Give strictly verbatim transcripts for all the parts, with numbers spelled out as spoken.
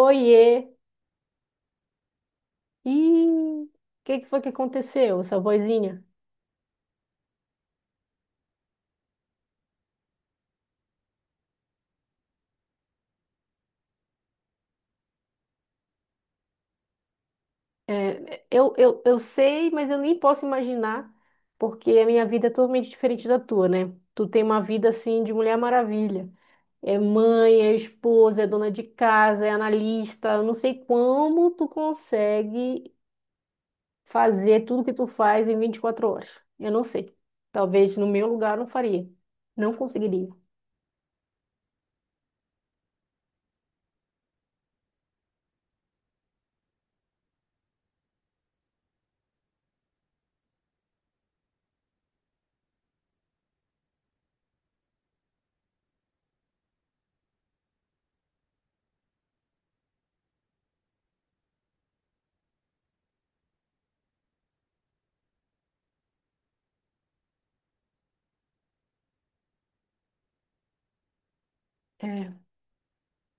Oiê! Ih, o que que foi que aconteceu, essa vozinha? É, eu, eu, eu sei, mas eu nem posso imaginar, porque a minha vida é totalmente diferente da tua, né? Tu tem uma vida assim de Mulher Maravilha. É mãe, é esposa, é dona de casa, é analista. Eu não sei como tu consegue fazer tudo que tu faz em vinte e quatro horas. Eu não sei. Talvez no meu lugar eu não faria. Não conseguiria. É.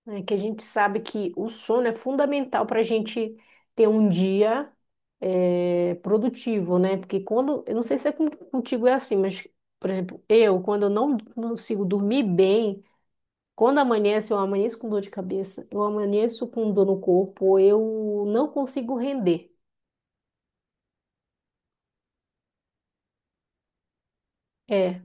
Né, que a gente sabe que o sono é fundamental para a gente ter um dia eh, produtivo, né? Porque quando, eu não sei se é com- contigo é assim, mas, por exemplo, eu, quando eu não consigo dormir bem, quando amanhece, eu amanheço com dor de cabeça, eu amanheço com dor no corpo, eu não consigo render. É.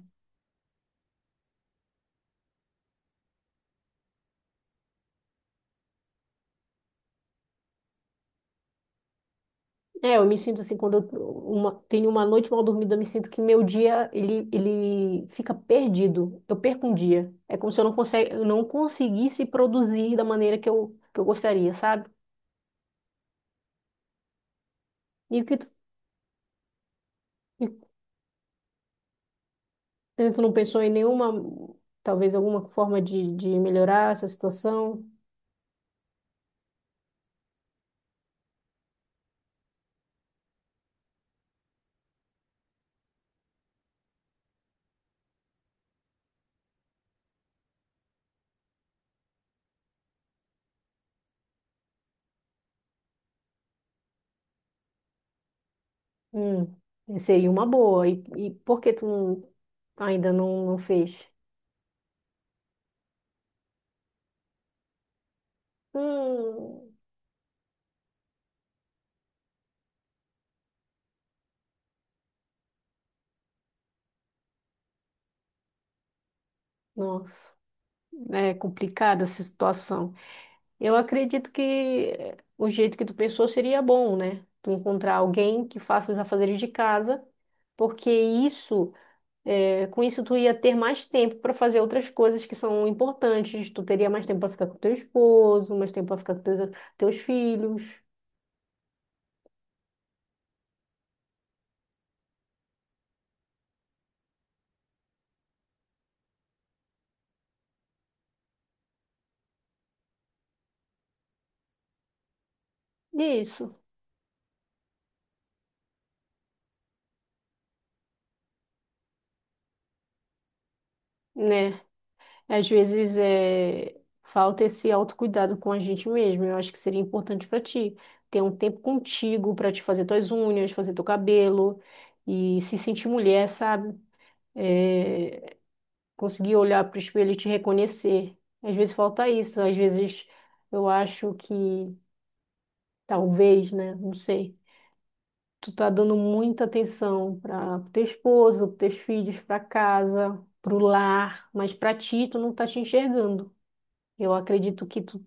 É, eu me sinto assim, quando eu uma- tenho uma noite mal dormida, eu me sinto que meu dia, ele, ele fica perdido. Eu perco um dia. É como se eu não, conse- eu não conseguisse produzir da maneira que eu, que eu gostaria, sabe? E o que tu, e tu não pensou em nenhuma, talvez alguma forma de, de melhorar essa situação? Hum, seria uma boa. E, e por que tu não- ainda não, não fez? Hum, nossa, é complicada essa situação. Eu acredito que eh, o jeito que tu pensou seria bom, né? Tu encontrar alguém que faça os afazeres de casa, porque isso, é, com isso tu ia ter mais tempo para fazer outras coisas que são importantes. Tu teria mais tempo para ficar com teu esposo, mais tempo para ficar com teus, teus filhos. Isso, né? Às vezes é, falta esse autocuidado com a gente mesmo. Eu acho que seria importante para ti ter um tempo contigo para te fazer tuas unhas, fazer teu cabelo e se sentir mulher, sabe? É, conseguir olhar para o espelho e te reconhecer. Às vezes falta isso. Às vezes eu acho que talvez, né? Não sei. Tu tá dando muita atenção para teu esposo, para teus filhos, para casa, para o lar, mas para ti tu não tá te enxergando. Eu acredito que tu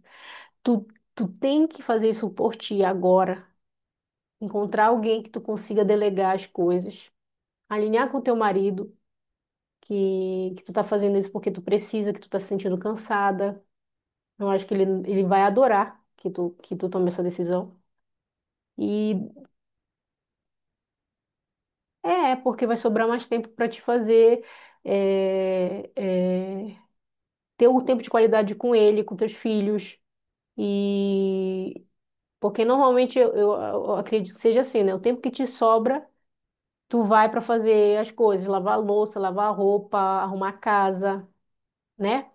Tu, tu tem que fazer isso por ti agora. Encontrar alguém que tu consiga delegar as coisas. Alinhar com teu marido que, que tu tá fazendo isso porque tu precisa, que tu tá se sentindo cansada. Eu acho que ele, ele vai adorar que tu, que tu tome essa decisão. E é, é porque vai sobrar mais tempo para te fazer é, é, ter um tempo de qualidade com ele, com teus filhos. E porque normalmente eu, eu eu acredito que seja assim, né? O tempo que te sobra. Tu vai para fazer as coisas, lavar a louça, lavar a roupa, arrumar a casa, né?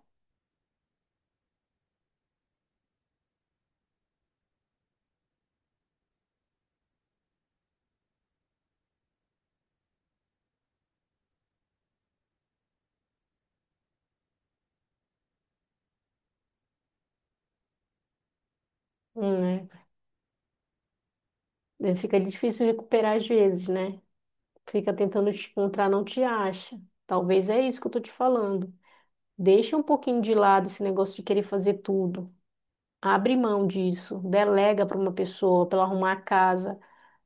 Hum, é. Fica difícil recuperar às vezes, né? Fica tentando te encontrar, não te acha. Talvez é isso que eu tô te falando. Deixa um pouquinho de lado esse negócio de querer fazer tudo. Abre mão disso, delega para uma pessoa, para ela arrumar a casa,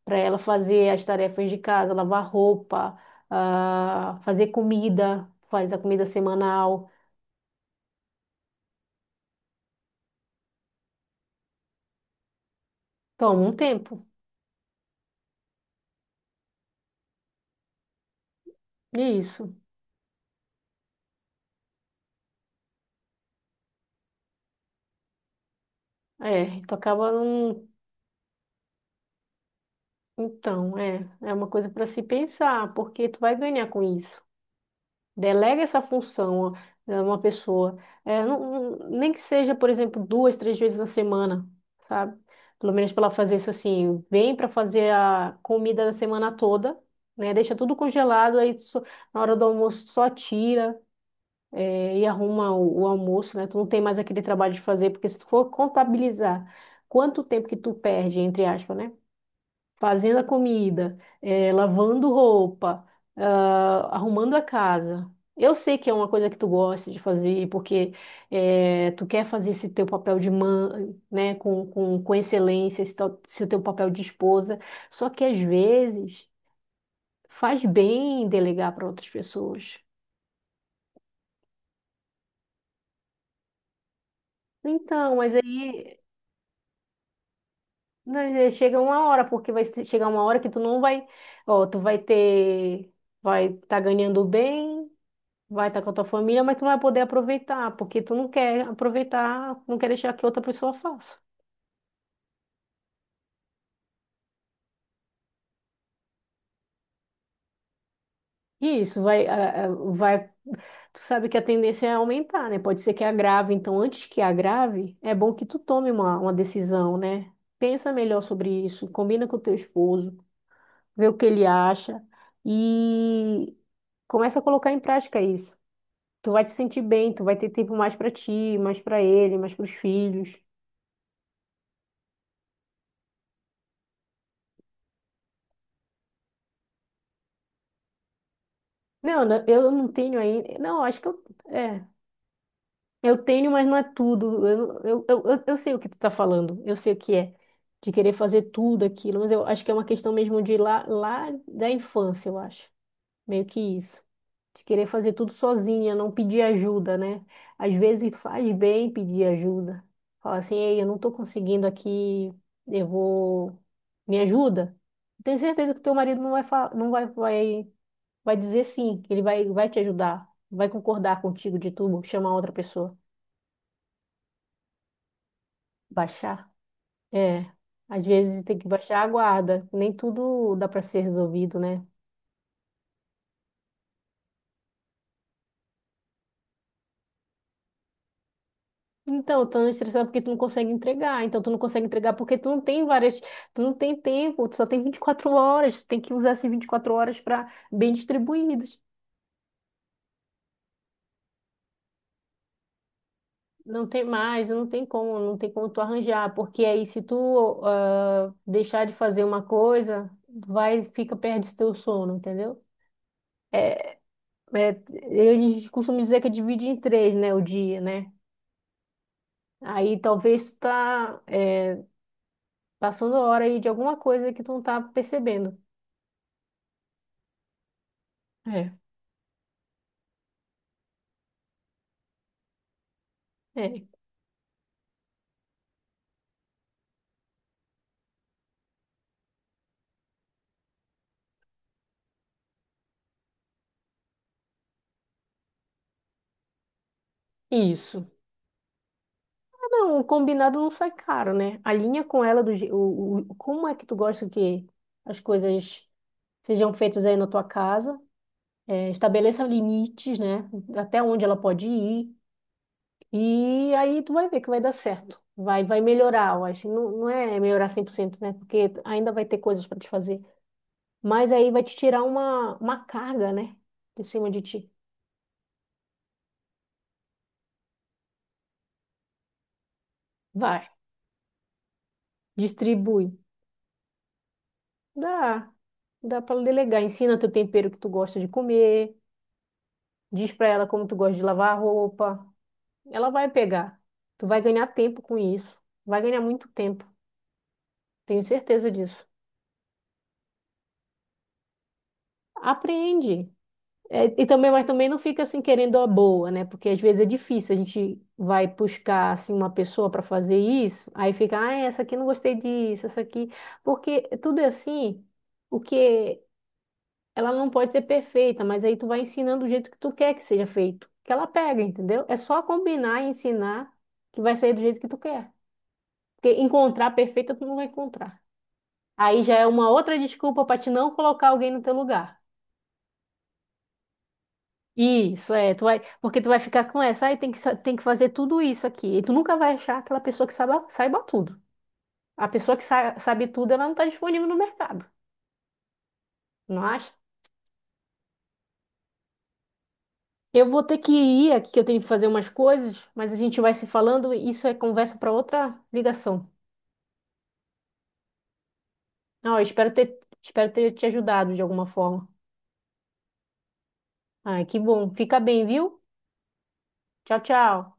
para ela fazer as tarefas de casa, lavar roupa, ah, fazer comida, faz a comida semanal. Toma um tempo. Isso. É, tu acaba não. Então, é, é uma coisa para se pensar, porque tu vai ganhar com isso. Delega essa função a a uma pessoa. É, não, não- nem que seja, por exemplo, duas, três vezes na semana, sabe? Pelo menos para ela fazer isso assim, vem para fazer a comida da semana toda, né? Deixa tudo congelado, aí só- na hora do almoço só tira, é, e arruma o, o almoço, né? Tu não tem mais aquele trabalho de fazer, porque se tu for contabilizar quanto tempo que tu perde, entre aspas, né? Fazendo a comida, eh, lavando roupa, ah, arrumando a casa. Eu sei que é uma coisa que tu gosta de fazer, porque eh, tu quer fazer esse teu papel de mãe, né, com, com, com excelência, esse, teu- esse teu papel de esposa. Só que às vezes faz bem delegar para outras pessoas. Então, mas aí né, eh, chega uma hora, porque vai ser- chegar uma hora que tu não vai, ó, tu vai ter, vai estar ganhando bem. Vai estar com a tua família, mas tu não vai poder aproveitar, porque tu não quer aproveitar, não quer deixar que outra pessoa faça. E isso vai, ah, ah, vai, tu sabe que a tendência é aumentar, né? Pode ser que agrave, então antes que agrave, é bom que tu tome uma, uma decisão, né? Pensa melhor sobre isso, combina com o teu esposo, vê o que ele acha e começa a colocar em prática isso. Tu vai te sentir bem, tu vai ter tempo mais pra ti, mais pra ele, mais pros filhos. Não, não, eu não tenho ainda. Não, acho que eu. É. Eu tenho, mas não é tudo. Eu, eu, eu, eu eu sei o que tu tá falando. Eu sei o que é. De querer fazer tudo aquilo. Mas eu acho que é uma questão mesmo de lá, lá da infância, eu acho. Meio que isso. De querer fazer tudo sozinha, não pedir ajuda, né? Às vezes faz bem pedir ajuda. Fala assim, ei, eu não tô conseguindo aqui, eu vou... Me ajuda? Tenho certeza que teu marido não vai, fa- não vai, vai, vai dizer sim, que ele vai, vai te ajudar, vai concordar contigo de tu chamar outra pessoa. Baixar? É. Às vezes tem que baixar a guarda. Nem tudo dá para ser resolvido, né? Então, eu tô estressada porque tu não consegue entregar. Então, tu não consegue entregar porque tu não tem várias. Tu não tem tempo, tu só tem vinte e quatro horas. Tu tem que usar essas vinte e quatro horas para bem distribuídas. Não tem mais, não tem como, não tem como tu arranjar. Porque aí, se tu ah, deixar de fazer uma coisa, vai, fica, perde teu sono, entendeu? É, eles costumam dizer que é divide em três, né, o dia, né? Aí talvez tu tá é, passando a hora aí de alguma coisa que tu não tá percebendo. É, é, isso. Ah, não, o combinado não sai caro, né? Alinha com ela do, je- o, o- como é que tu gosta que as coisas sejam feitas aí na tua casa. É, estabeleça limites, né? Até onde ela pode ir. E aí tu vai ver que vai dar certo. Vai, vai melhorar, eu acho. Não, não é melhorar cem por cento né? Porque ainda vai ter coisas para te fazer. Mas aí vai te tirar uma, uma carga, né? De cima de ti. Vai, distribui. Dá, dá para delegar. Ensina teu tempero que tu gosta de comer. Diz para ela como tu gosta de lavar a roupa. Ela vai pegar. Tu vai ganhar tempo com isso. Vai ganhar muito tempo. Tenho certeza disso. Aprende. É, e também, mas também não fica assim querendo a boa, né? Porque às vezes é difícil, a gente vai buscar assim uma pessoa para fazer isso, aí fica, ah, é, essa aqui não gostei disso, essa aqui, porque tudo é assim, o que ela não pode ser perfeita, mas aí tu vai ensinando do jeito que tu quer que seja feito, que ela pega, entendeu? É só combinar e ensinar que vai sair do jeito que tu quer. Porque encontrar a perfeita tu não vai encontrar. Aí já é uma outra desculpa para te não colocar alguém no teu lugar. Isso, é, tu vai, porque tu vai ficar com essa, aí tem que, sa- tem que fazer tudo isso aqui. E tu nunca vai achar aquela pessoa que saiba, saiba tudo. A pessoa que sa- sabe tudo, ela não está disponível no mercado, não acha? Eu vou ter que ir aqui, que eu tenho que fazer umas coisas, mas a gente vai se falando, e isso é conversa para outra ligação. Não, eu espero ter, espero ter te ajudado de alguma forma. Ai, que bom. Fica bem, viu? Tchau, tchau.